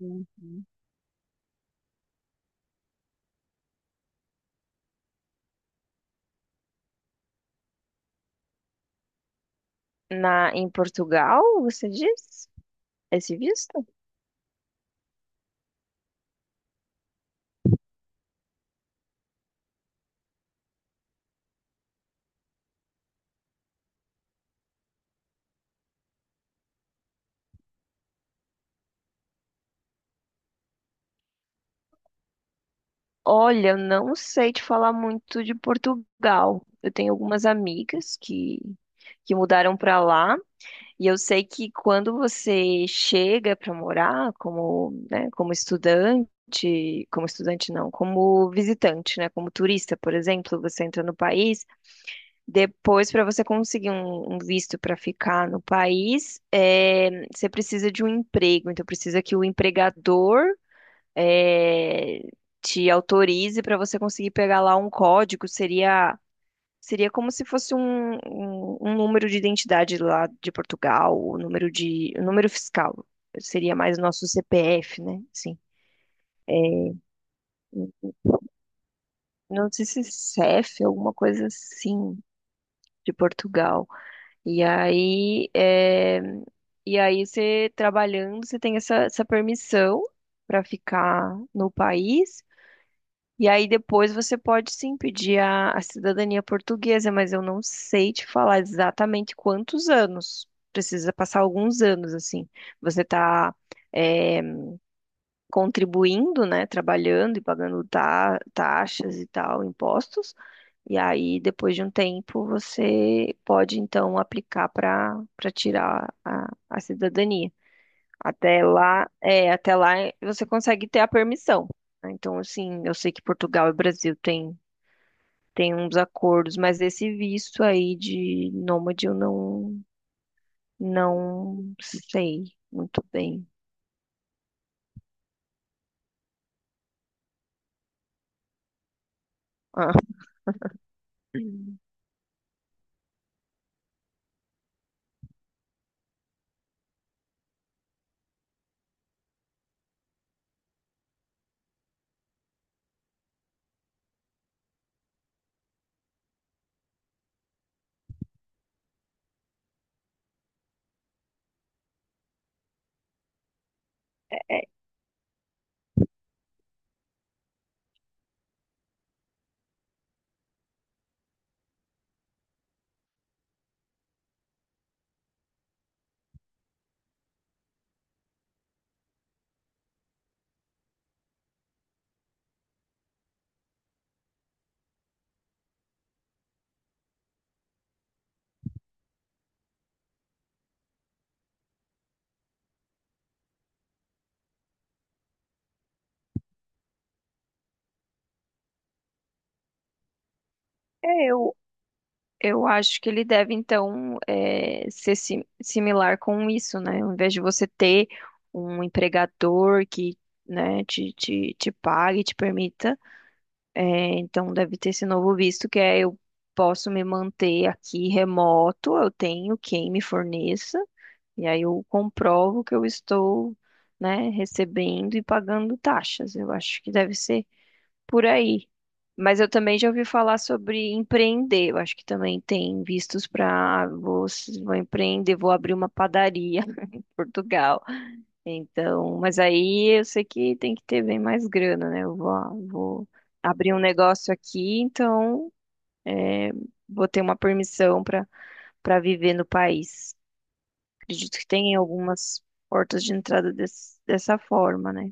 Uhum. Na, em Portugal, você diz? Esse visto? Olha, eu não sei te falar muito de Portugal. Eu tenho algumas amigas que mudaram para lá, e eu sei que quando você chega para morar como, né, como estudante não, como visitante, né, como turista, por exemplo, você entra no país. Depois, para você conseguir um visto para ficar no país, você precisa de um emprego. Então, precisa que o empregador eh, te autorize para você conseguir pegar lá um código. Seria, seria como se fosse um número de identidade lá de Portugal, o número de, o número fiscal. Seria mais o nosso CPF, né? Sim. É, não sei se CEF, alguma coisa assim de Portugal. E aí, é, e aí você trabalhando, você tem essa, essa permissão para ficar no país. E aí depois você pode sim pedir a cidadania portuguesa, mas eu não sei te falar exatamente quantos anos. Precisa passar alguns anos, assim. Você tá, eh, contribuindo, né, trabalhando e pagando taxas e tal, impostos. E aí, depois de um tempo, você pode então aplicar para tirar a cidadania. Até lá, é, até lá você consegue ter a permissão. Né? Então, assim, eu sei que Portugal e Brasil têm tem uns acordos, mas esse visto aí de nômade eu não sei muito bem. Ah. É, eu. Eu acho que ele deve, então, ser similar com isso, né? Ao invés de você ter um empregador que, né, te pague, te permita, então deve ter esse novo visto, que é eu posso me manter aqui remoto, eu tenho quem me forneça, e aí eu comprovo que eu estou, né, recebendo e pagando taxas. Eu acho que deve ser por aí. Mas eu também já ouvi falar sobre empreender. Eu acho que também tem vistos para vou, vou empreender, vou abrir uma padaria em Portugal. Então, mas aí eu sei que tem que ter bem mais grana, né? Eu vou, vou abrir um negócio aqui, então vou ter uma permissão para viver no país. Acredito que tem algumas portas de entrada dessa forma, né?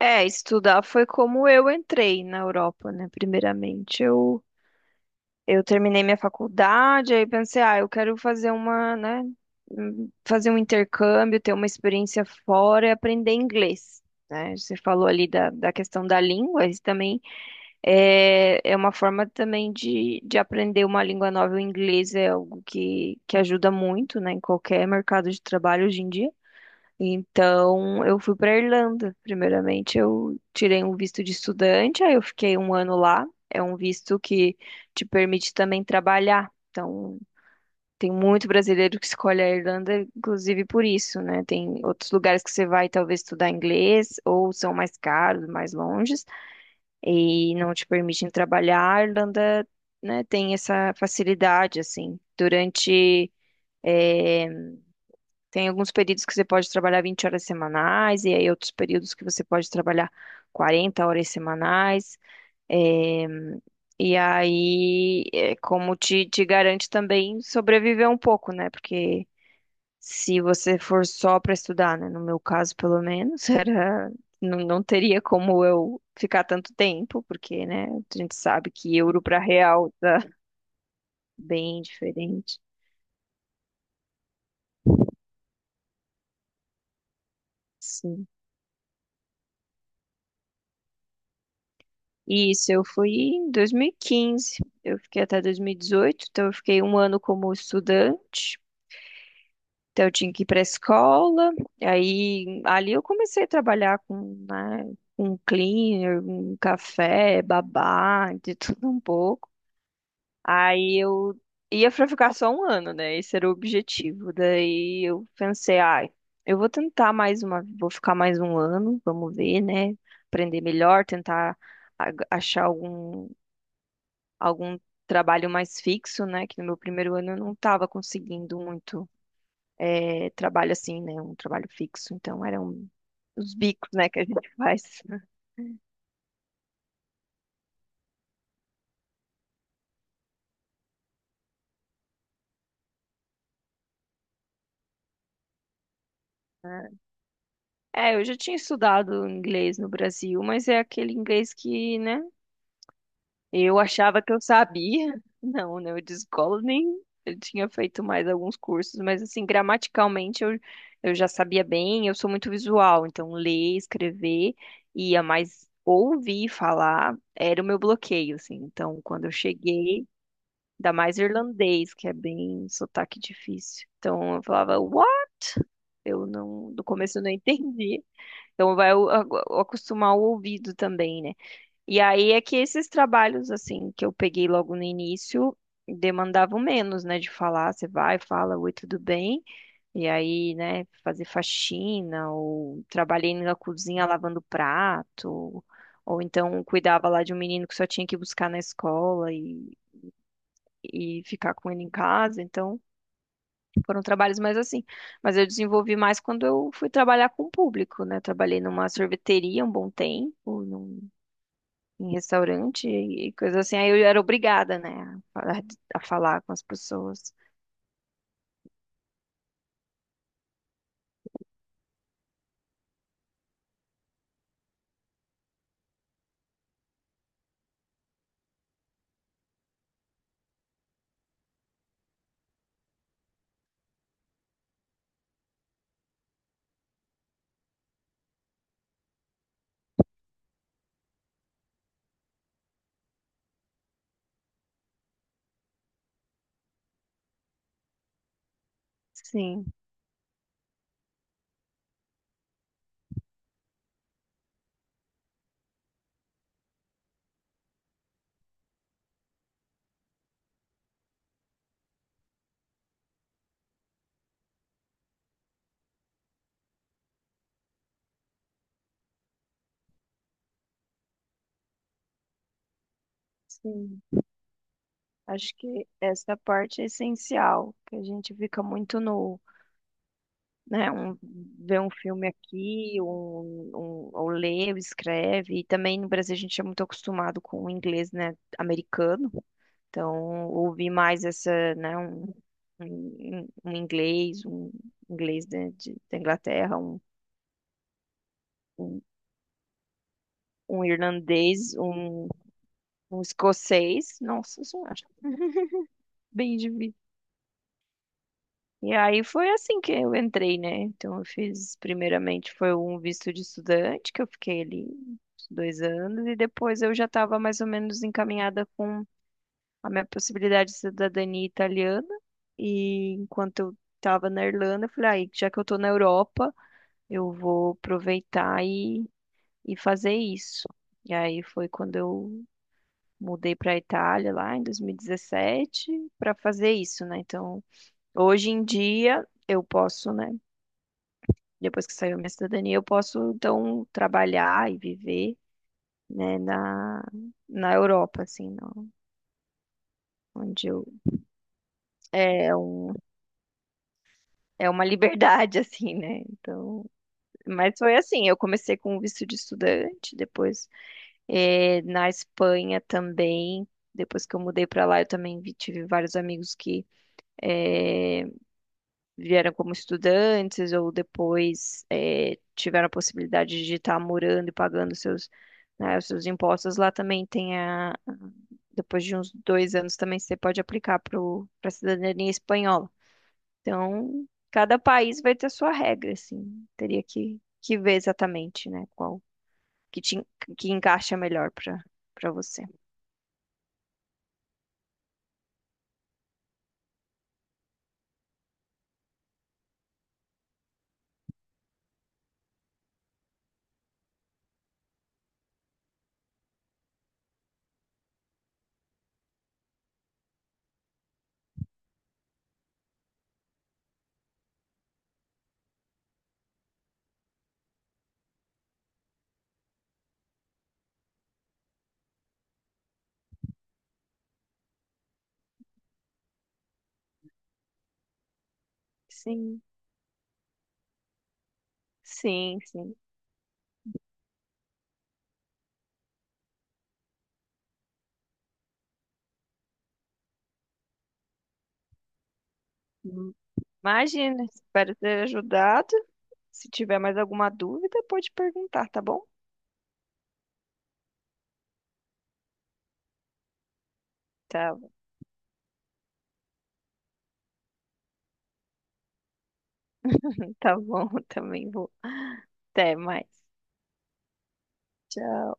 É, estudar foi como eu entrei na Europa, né? Primeiramente, eu terminei minha faculdade, aí pensei, ah, eu quero fazer uma, né, fazer um intercâmbio, ter uma experiência fora e aprender inglês. Né? Você falou ali da, da questão da língua, isso também é, é uma forma também de aprender uma língua nova. O inglês é algo que ajuda muito, né, em qualquer mercado de trabalho hoje em dia. Então, eu fui para Irlanda. Primeiramente, eu tirei um visto de estudante, aí eu fiquei um ano lá. É um visto que te permite também trabalhar. Então, tem muito brasileiro que escolhe a Irlanda, inclusive por isso, né? Tem outros lugares que você vai talvez estudar inglês, ou são mais caros, mais longes, e não te permitem trabalhar. A Irlanda, né, tem essa facilidade, assim. Durante eh, tem alguns períodos que você pode trabalhar 20 horas semanais, e aí outros períodos que você pode trabalhar 40 horas semanais. eh, e aí, é como te garante também sobreviver um pouco, né? Porque se você for só para estudar, né? No meu caso, pelo menos, era, não, não teria como eu ficar tanto tempo, porque, né? A gente sabe que euro para real tá bem diferente. Sim. Isso, eu fui em 2015. Eu fiquei até 2018, então eu fiquei um ano como estudante. Então eu tinha que ir para a escola. Aí ali eu comecei a trabalhar com, né, um cleaner, um café, babá, de tudo um pouco. Aí eu ia para ficar só um ano, né? Esse era o objetivo. Daí eu pensei, ai, eu vou tentar mais uma, vou ficar mais um ano, vamos ver, né? Aprender melhor, tentar achar algum trabalho mais fixo, né? Que no meu primeiro ano eu não estava conseguindo muito trabalho assim, né? Um trabalho fixo. Então eram os bicos, né, que a gente faz. É, eu já tinha estudado inglês no Brasil, mas é aquele inglês que, né? Eu achava que eu sabia. Não, né? Eu de escola nem eu tinha feito mais alguns cursos, mas assim, gramaticalmente eu já sabia bem, eu sou muito visual, então ler, escrever, ia mais ouvir falar era o meu bloqueio, assim. Então, quando eu cheguei, ainda mais irlandês, que é bem sotaque difícil. Então eu falava, uau, eu não, no começo eu não entendi. Então vai acostumar o ouvido também, né? E aí é que esses trabalhos, assim, que eu peguei logo no início, demandavam menos, né? De falar, você vai, fala, oi, tudo bem? E aí, né, fazer faxina, ou trabalhei na cozinha lavando prato, ou então cuidava lá de um menino que só tinha que buscar na escola e ficar com ele em casa. Então, foram trabalhos mais assim. Mas eu desenvolvi mais quando eu fui trabalhar com o público, né? Trabalhei numa sorveteria um bom tempo, num em restaurante e coisa assim. Aí eu era obrigada, né, a falar, a falar com as pessoas. Sim, sim. Acho que essa parte é essencial, que a gente fica muito no, né, um, vê um filme aqui, ou lê, ou escreve. E também no Brasil a gente é muito acostumado com o inglês, né, americano. Então, ouvir mais essa, né, um inglês, um inglês né, de, da Inglaterra, um um irlandês, um escocês. Nossa senhora, bem de vida. E aí foi assim que eu entrei, né? Então eu fiz, primeiramente, foi um visto de estudante, que eu fiquei ali uns dois anos, e depois eu já estava mais ou menos encaminhada com a minha possibilidade de cidadania italiana. E enquanto eu estava na Irlanda, eu falei, aí, já que eu estou na Europa, eu vou aproveitar e fazer isso. E aí foi quando eu mudei para a Itália lá em 2017 para fazer isso, né? Então, hoje em dia eu posso, né? Depois que saiu a minha cidadania, eu posso então trabalhar e viver, né, na Europa, assim, não, onde eu é um, é uma liberdade assim, né? Então, mas foi assim, eu comecei com o visto de estudante, depois na Espanha também, depois que eu mudei para lá, eu também tive vários amigos que é, vieram como estudantes ou depois tiveram a possibilidade de estar morando e pagando seus, né, os seus impostos, lá também tem a, depois de uns dois anos também você pode aplicar para a cidadania espanhola. Então, cada país vai ter a sua regra, assim, teria que ver exatamente, né, qual que te, que encaixa melhor para você. Sim, sim, sim. Imagina, espero ter ajudado. Se tiver mais alguma dúvida, pode perguntar, tá bom? Tá, tá bom, também vou. Até mais. Tchau.